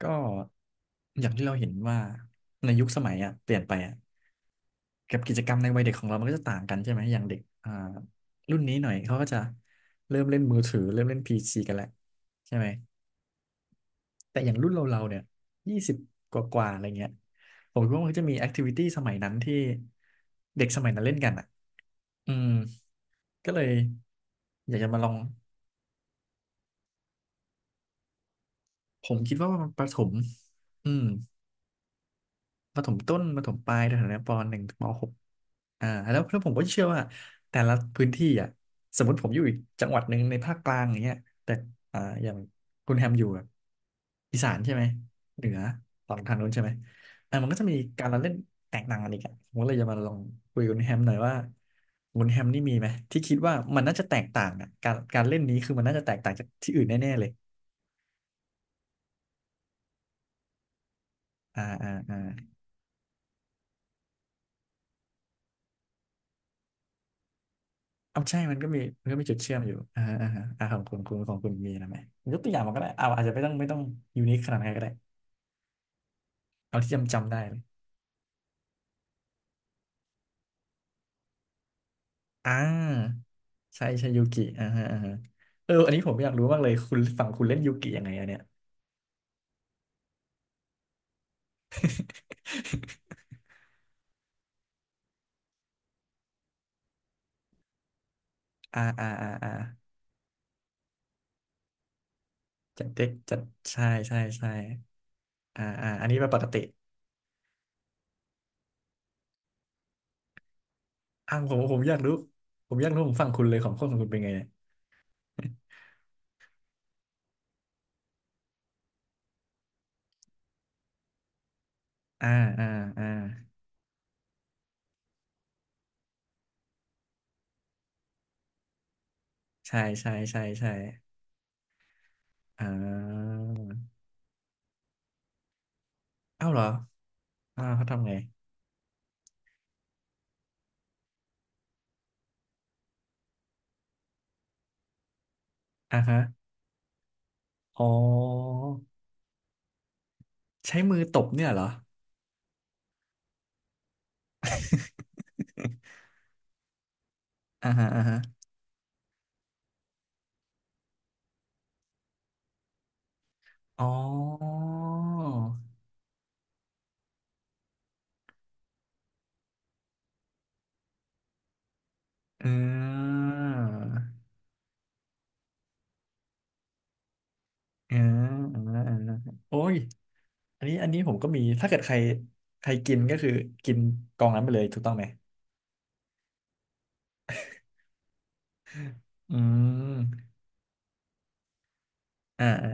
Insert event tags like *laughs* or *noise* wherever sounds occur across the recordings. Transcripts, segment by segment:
ก็อย่างที่เราเห็นว่าในยุคสมัยอ่ะเปลี่ยนไปอ่ะกับกิจกรรมในวัยเด็กของเรามันก็จะต่างกันใช่ไหมอย่างเด็กรุ่นนี้หน่อยเขาก็จะเริ่มเล่นมือถือเริ่มเล่นพีซีกันแหละใช่ไหมแต่อย่างรุ่นเราเนี่ยยี่สิบกว่าอะไรเงี้ยผมคิดว่ามันก็จะมีแอคทิวิตี้สมัยนั้นที่เด็กสมัยนั้นเล่นกันอ่ะอืมก็เลยอยากจะมาลองผมคิดว่ามันประถมอืมประถมต้นประถมปลายแถวๆเนี้ยปหนึ่งถึงมหก อ่าแล้วผมก็เชื่อว่าแต่ละพื้นที่อ่ะสมมติผมอยู่อีกจังหวัดหนึ่งในภาคกลางอย่างเงี้ยแต่อ่าอย่างคุณแฮมอยู่แบบอีสานใช่ไหมเหนือตอนทางนู้นใช่ไหมอ่ามันก็จะมีการละเล่นแตกต่างกันอีกอ่ะผมก็เลยจะมาลองคุยกับคุณแฮมหน่อยว่าคุณแฮมนี่มีไหมที่คิดว่ามันน่าจะแตกต่างอ่ะการเล่นนี้คือมันน่าจะแตกต่างจากที่อื่นแน่ๆเลยอ่าอ่าอ่าเอาใช่มันก็มีมันก็มีจุดเชื่อมอยู่อ่าอ่าอ่าของคุณคุณของคุณมีนะไหมยกตัวอย่างมาก็ได้เอาอาจจะไม่ต้องไม่ต้องยูนิคขนาดนั้นก็ได้ เอาที่จำได้เลยอ่าใช่ใช่ยูกิอ่าฮะอ่าฮะเอออันนี้ผมอยากรู้มากเลยคุณฝั่งคุณเล่นยูกิยังไงอะเนี่ย *laughs* อ่าอ่าอ่าอ่าจัดเด็กจัดใช่ใช่ใช่อ่าอ่าอันนี้เป็นปกติอ่าผมอยากรู้ผมอยากรู้ผมฝั่งคุณเลยของคนของคุณเป็นไงเนี่ย *laughs* อ่าอ่าอ่าใช่ใช่ใช่ใช่อ่าเอ้าเหรออ่าเขาทำไงอ่าฮะอ๋อใช้มือตบเนี่ยเหรอ *laughs* อ่าฮะอ่าฮะอ๋อ อ่าอ่าอ่าอ่าโอ้ยอันนี้อันนี้ผมก็มี ถ้าเกิดใครใครกินก็คือกินกองนั้นไปเลยถูกต้องไหม อืม อ่าอ่า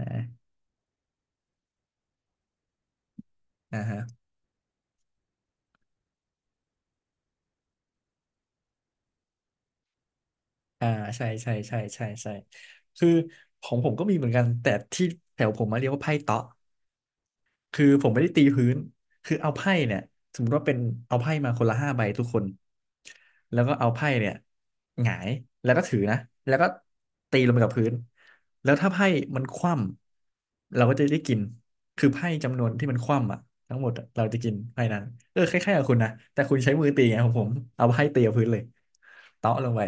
อ่าอ่าฮะอ่าใช่ใช่ใช่ใช่ใช่คือของผมก็มีเหมือนกัน แต่ที่แถวผมมาเรียกว่าไพ่เต๊ะ คือผมไม่ได้ตีพื้นคือเอาไพ่เนี่ยสมมติว่าเป็นเอาไพ่มาคนละห้าใบทุกคนแล้วก็เอาไพ่เนี่ยหงายแล้วก็ถือนะแล้วก็ตีลงไปกับพื้นแล้วถ้าไพ่มันคว่ำเราก็จะได้กินคือไพ่จำนวนที่มันคว่ำอ่ะทั้งหมดอะเราจะกินไพ่นั้นเออคล้ายๆกับคุณนะแต่คุณใช้มือตีไงของผมเอาไพ่ตีกับพื้นเลยเตาะลงไป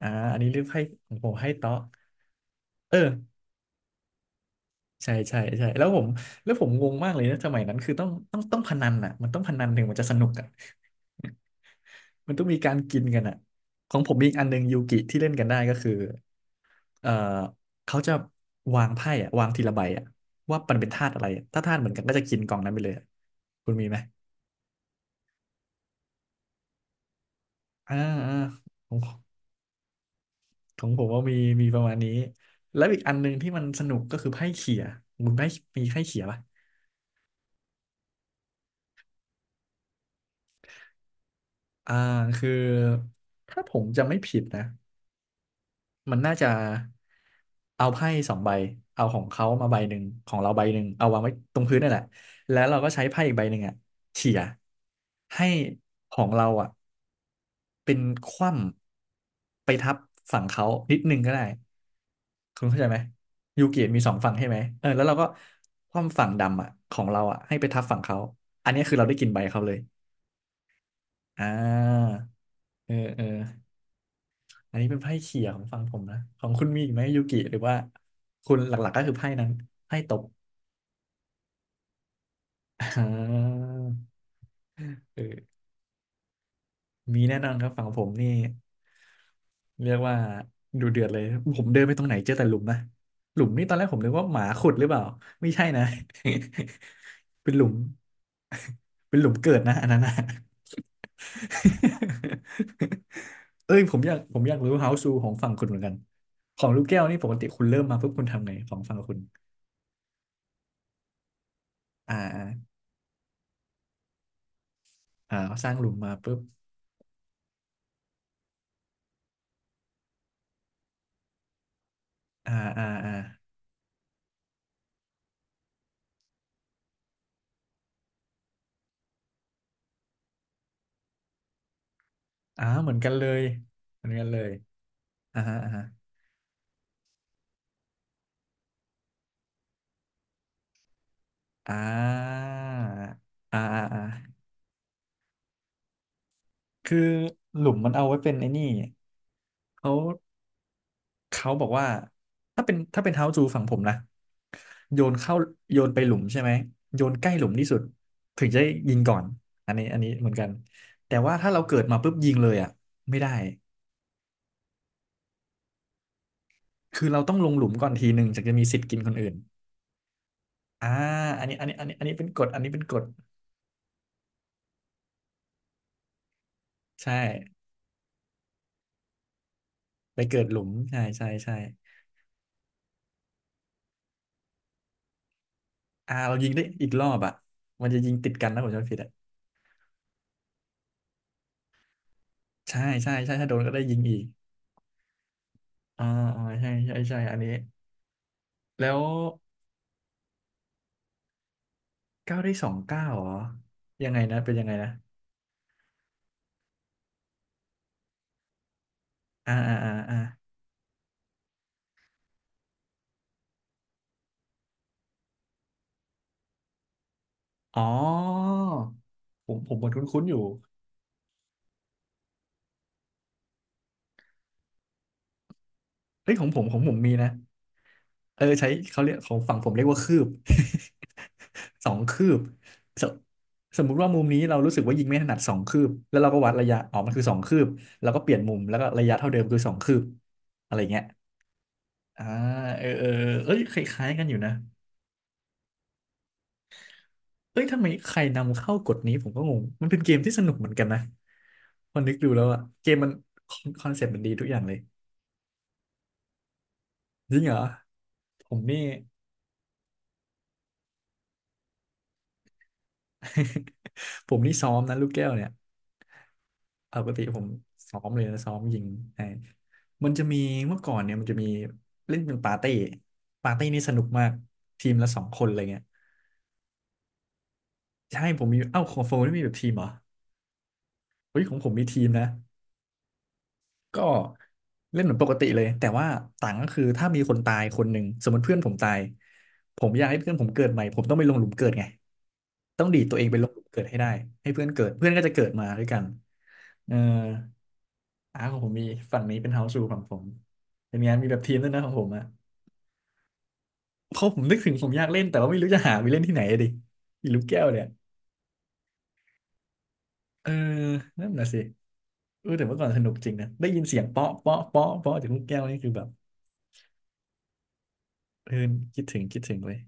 อ่าอันนี้เรียกไพ่ของผมให้เตาะเออ ใช่ใช่ใช่แล้วผมงงมากเลยนะสมัยนั้นคือต้องต้องต้องพนันอ่ะมันต้องพนันถึงมันจะสนุกอ่ะมันต้องมีการกินกันอ่ะของผมมีอีกอันหนึ่งยูกิที่เล่นกันได้ก็คือเอ่อเขาจะวางไพ่อ่ะวางทีละใบอ่ะว่ามันเป็นธาตุอะไรอะถ้าธาตุเหมือนกันก็จะกินกล่องนั้นไปเลยอะคุณมีไหมอ่าอ่าของผมว่ามีมีประมาณนี้แล้วอีกอันหนึ่งที่มันสนุกก็คือไพ่เขี่ยคุณไพ่มีไพ่เขี่ยปะอ่าคือถ้าผมจำไม่ผิดนะ มันน่าจะเอาไพ่สองใบเอาของเขามาใบหนึ่งของเราใบหนึ่งเอาวางไว้ตรงพื้นนั่นแหละแล้วเราก็ใช้ไพ่อีกใบหนึ่งอ่ะเฉี่ยให้ของเราอ่ะเป็นคว่ำไปทับฝั่งเขานิดนึงก็ได้คุณเข้าใจไหมยูกิมีสองฝั่งใช่ไหมเออแล้วเราก็คว่ำฝั่งดำอ่ะของเราอ่ะให้ไปทับฝั่งเขาอันนี้คือเราได้กินใบเขาเลยอ่าเออเออ อันนี้เป็นไพ่เขี่ยของฝั่งผมนะของคุณมีอีกไหมยูกิหรือว่าคุณหลักๆก็คือไพ่นั้นไพ่ตบ *laughs* อ่าเออมีแน่นอนครับฝั่งผมนี่เรียกว่าดูเดือดเลยผมเดินไปตรงไหนเจอแต่หลุมนะหลุมนี่ตอนแรกผมนึกว่าหมาขุดหรือเปล่าไม่ใช่นะ *laughs* เป็นหลุม *laughs* เป็นหลุมเกิดนะอันนั้นนะ *laughs* เอ้ยผมอยากรู้ House Rule ของฝั่งคุณเหมือนกันของลูกแก้วนี่ปกติคุณเริ่มมาปุ๊บคุณทำไงของฝั่งคุณ อ่าอ่าอ่าสร้างหลุมมาปุ๊บอ่าอ่าอ่าอ่าเหมือนกันเลยเหมือนกันเลยอ่าฮะอ่าฮะอ่าอ่าอ่าอ่าคือหลุมมันเอาไว้เป็นไอ้นี่เขาเขาบอกว่าถ้าเป็นถ้าเป็นเฮาจูฝั่งผมนะโยนเข้าโยนไปหลุมใช่ไหมโยนใกล้หลุมที่สุดถึงจะยิงก่อนอันนี้อันนี้เหมือนกันแต่ว่าถ้าเราเกิดมาปุ๊บยิงเลยอ่ะไม่ได้คือเราต้องลงหลุมก่อนทีหนึ่งถึงจะมีสิทธิ์กินคนอื่นอ่าอันนี้อันนี้อันนี้อันนี้เป็นกฎอันนี้เป็นกฎ ใช่ไปเกิดหลุมใช่ใช่ใช่อ่าเรายิงได้อีกรอบอ่ะมันจะยิงติดกันนะผมจำไม่ผิดอ่ะใช่ใช่ใช่ถ้าโดนก็ได้ยิงอีกอ่าอ่าใช่ใช่ใช่อันนี้แล้วเก้าได้สองเก้าเหรอยังไงนะเป็นยังไงนะอ่าอ่าอ่าอ่าอ๋อผมเหมันคุ้นๆอยู่เฮ้ยของผมมีนะ เออใช้เขาเรียกของฝั่งผมเรียกว่าคืบ *laughs* สองคืบสมมุติว่ามุมนี้เรารู้สึกว่ายิงไม่ถนัดสองคืบแล้วเราก็วัดระยะอ๋อกมันคือสองคืบแล้วก็เปลี่ยนมุมแล้วก็ระยะเท่าเดิมคือสองคืบอะไรเงี้ยอ่าเออเออเอ้ยคล้ายๆกันอยู่นะเอ้ยทำไมใครนำเข้ากฎนี้ผมก็งงมันเป็นเกมที่สนุกเหมือนกันนะพอนึกดูแล้วอะเกมมันคอนเซ็ปต์มันดีทุกอย่างเลยจริงเหรอผมนี่ *laughs* ผมนี่ซ้อมนะลูกแก้วเนี่ย ปกติผมซ้อมเลยนะซ้อมยิงไอ้มันจะมีเมื่อก่อนเนี่ยมันจะมีเล่นเป็นปาร์ตี้ปาร์ตี้นี่สนุกมากทีมละสองคนอะไรเงี้ยใช่ผมมีเอ้าของโฟนี่มีแบบทีมเหรอเฮ้ยของผมมีทีมนะก็เล่นเหมือนปกติเลยแต่ว่าต่างก็คือถ้ามีคนตายคนหนึ่งสมมติเพื่อนผมตายผมอยากให้เพื่อนผมเกิดใหม่ผมต้องไปลงหลุมเกิดไงต้องดีดตัวเองไปลงหลุมเกิดให้ได้ให้เพื่อนเกิดเพื่อนก็จะเกิดมาด้วยกันเออ อ่าของผมมีฝั่งนี้เป็นเฮาส์รูฝั่งผมเป็นไงานมีแบบทีมด้วยนะของผมอะเพราะผมนึกถึงผมอยากเล่นแต่ว่าไม่รู้จะหาไปเล่นที่ไหนอะดิอีลูกแก้วเนี่ยเออนั่นน่ะสิเออแต่เมื่อก่อนสนุกจริงนะได้ยินเสียงเปาะเปาะเปาะเปาะจากลูกแก้วนี่คือแบบเออคิดถึงคิดถึงเลย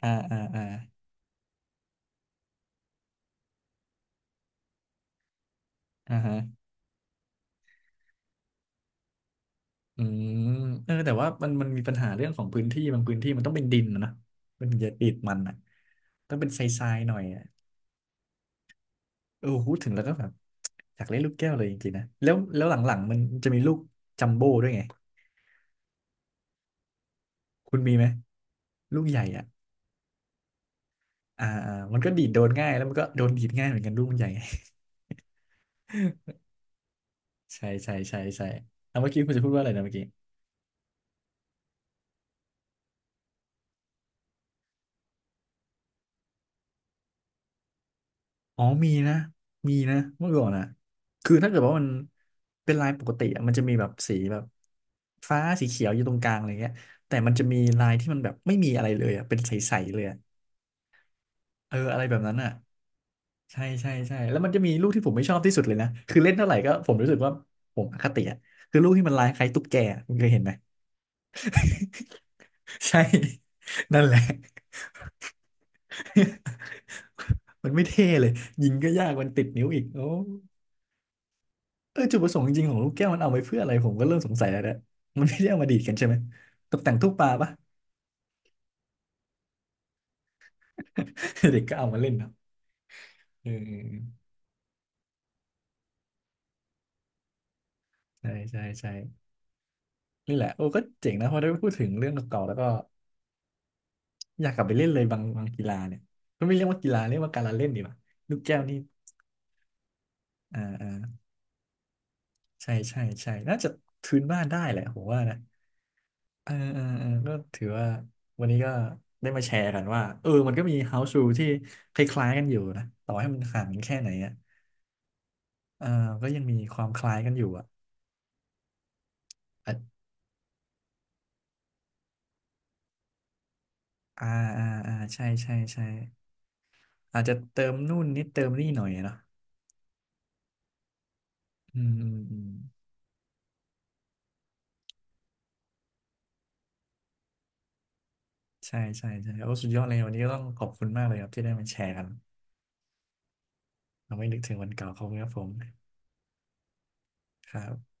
อ่าอ่าอ่าอ่าฮะอืมเออแต่ว่ามันมีปัญหาเรื่องของพื้นที่บางพื้นที่มันต้องเป็นดินนะนะมันอย่ติดมันอ่ะต้องเป็นทรายๆหน่อยอ่ะเออพูดถึงแล้วก็แบบ อยากเล่นลูกแก้วเลยจริงๆนะแล้วหลังๆมันจะมีลูกจัมโบ้ด้วยไงคุณมีไหมลูกใหญ่อ่ะอ่าอ่ามันก็ดีดโดนง่ายแล้วมันก็โดนดีดง่ายเหมือนกันลูกมันใหญ่ไง *laughs* ใช่ใช่ใช่ใช่เอาเมื่อกี้คุณจะพูดว่าอะไรนะเมื่อกี้อ๋อมีนะมีนะเมื่อก่อนอ่ะคือถ้าเกิดว่ามันเป็นลายปกติอะมันจะมีแบบสีแบบฟ้าสีเขียวอยู่ตรงกลางอะไรเงี้ยแต่มันจะมีลายที่มันแบบไม่มีอะไรเลยอ่ะเป็นใสๆเลยอะเอออะไรแบบนั้นอ่ะ ใช่ใช่ใช่แล้วมันจะมีลูกที่ผมไม่ชอบที่สุดเลยนะคือเล่นเท่าไหร่ก็ผมรู้สึกว่าผมอคติอ่ะคือลูกที่มันลายคล้ายตุ๊กแกอะคุณเคยเห็นไหมใช่ *laughs* นั่นแหละ *laughs* มันไม่เท่เลยยิงก็ยากมันติดนิ้วอีกโอ้เออจุดประสงค์จริงๆของลูกแก้วมันเอาไว้เพื่ออะไรผมก็เริ่มสงสัยแล้วนะมันไม่ได้เอามาดีดกันใช่ไหมตกแต่งตู้ปลาปะ *laughs* เด็กก็เอามาเล่นเนาะเออใช่ใช่ใช่นี่แหละโอ้ก็เจ๋งนะพอได้พูดถึงเรื่องเก่าๆแล้วก็ อยากกลับไปเล่นเลยบางกีฬาเนี่ยก็ไม่เรียกว่ากีฬาเรียกว่าการละเล่นดีกว่าลูกแก้วนี่อ่าอ่าใช่ใช่ใช่น่าจะทืนบ้านได้แหละผมว่านะเออเออเออก็ถือว่าวันนี้ก็ได้มาแชร์กันว่าเออมันก็มี house rule ที่คล้ายๆกันอยู่นะต่อให้มันห่างกันแค่ไหนอ่ะเออก็ยังมีความคล้ายกันอยู่อ่ะอ่ะอ่าอ่าอ่าใช่ใช่ใช่อาจจะเติมนู่นนิดเติมนี่หน่อยอะเนาะอืมอืมอืมใช่ใช่ใช่โอ้สุดยอดเลยวันนี้ก็ต้องขอบคุณมากเลยครับที่ได้มาแชร์กัน เราไม่นึกถึงวันเก่าเของครับผมครับ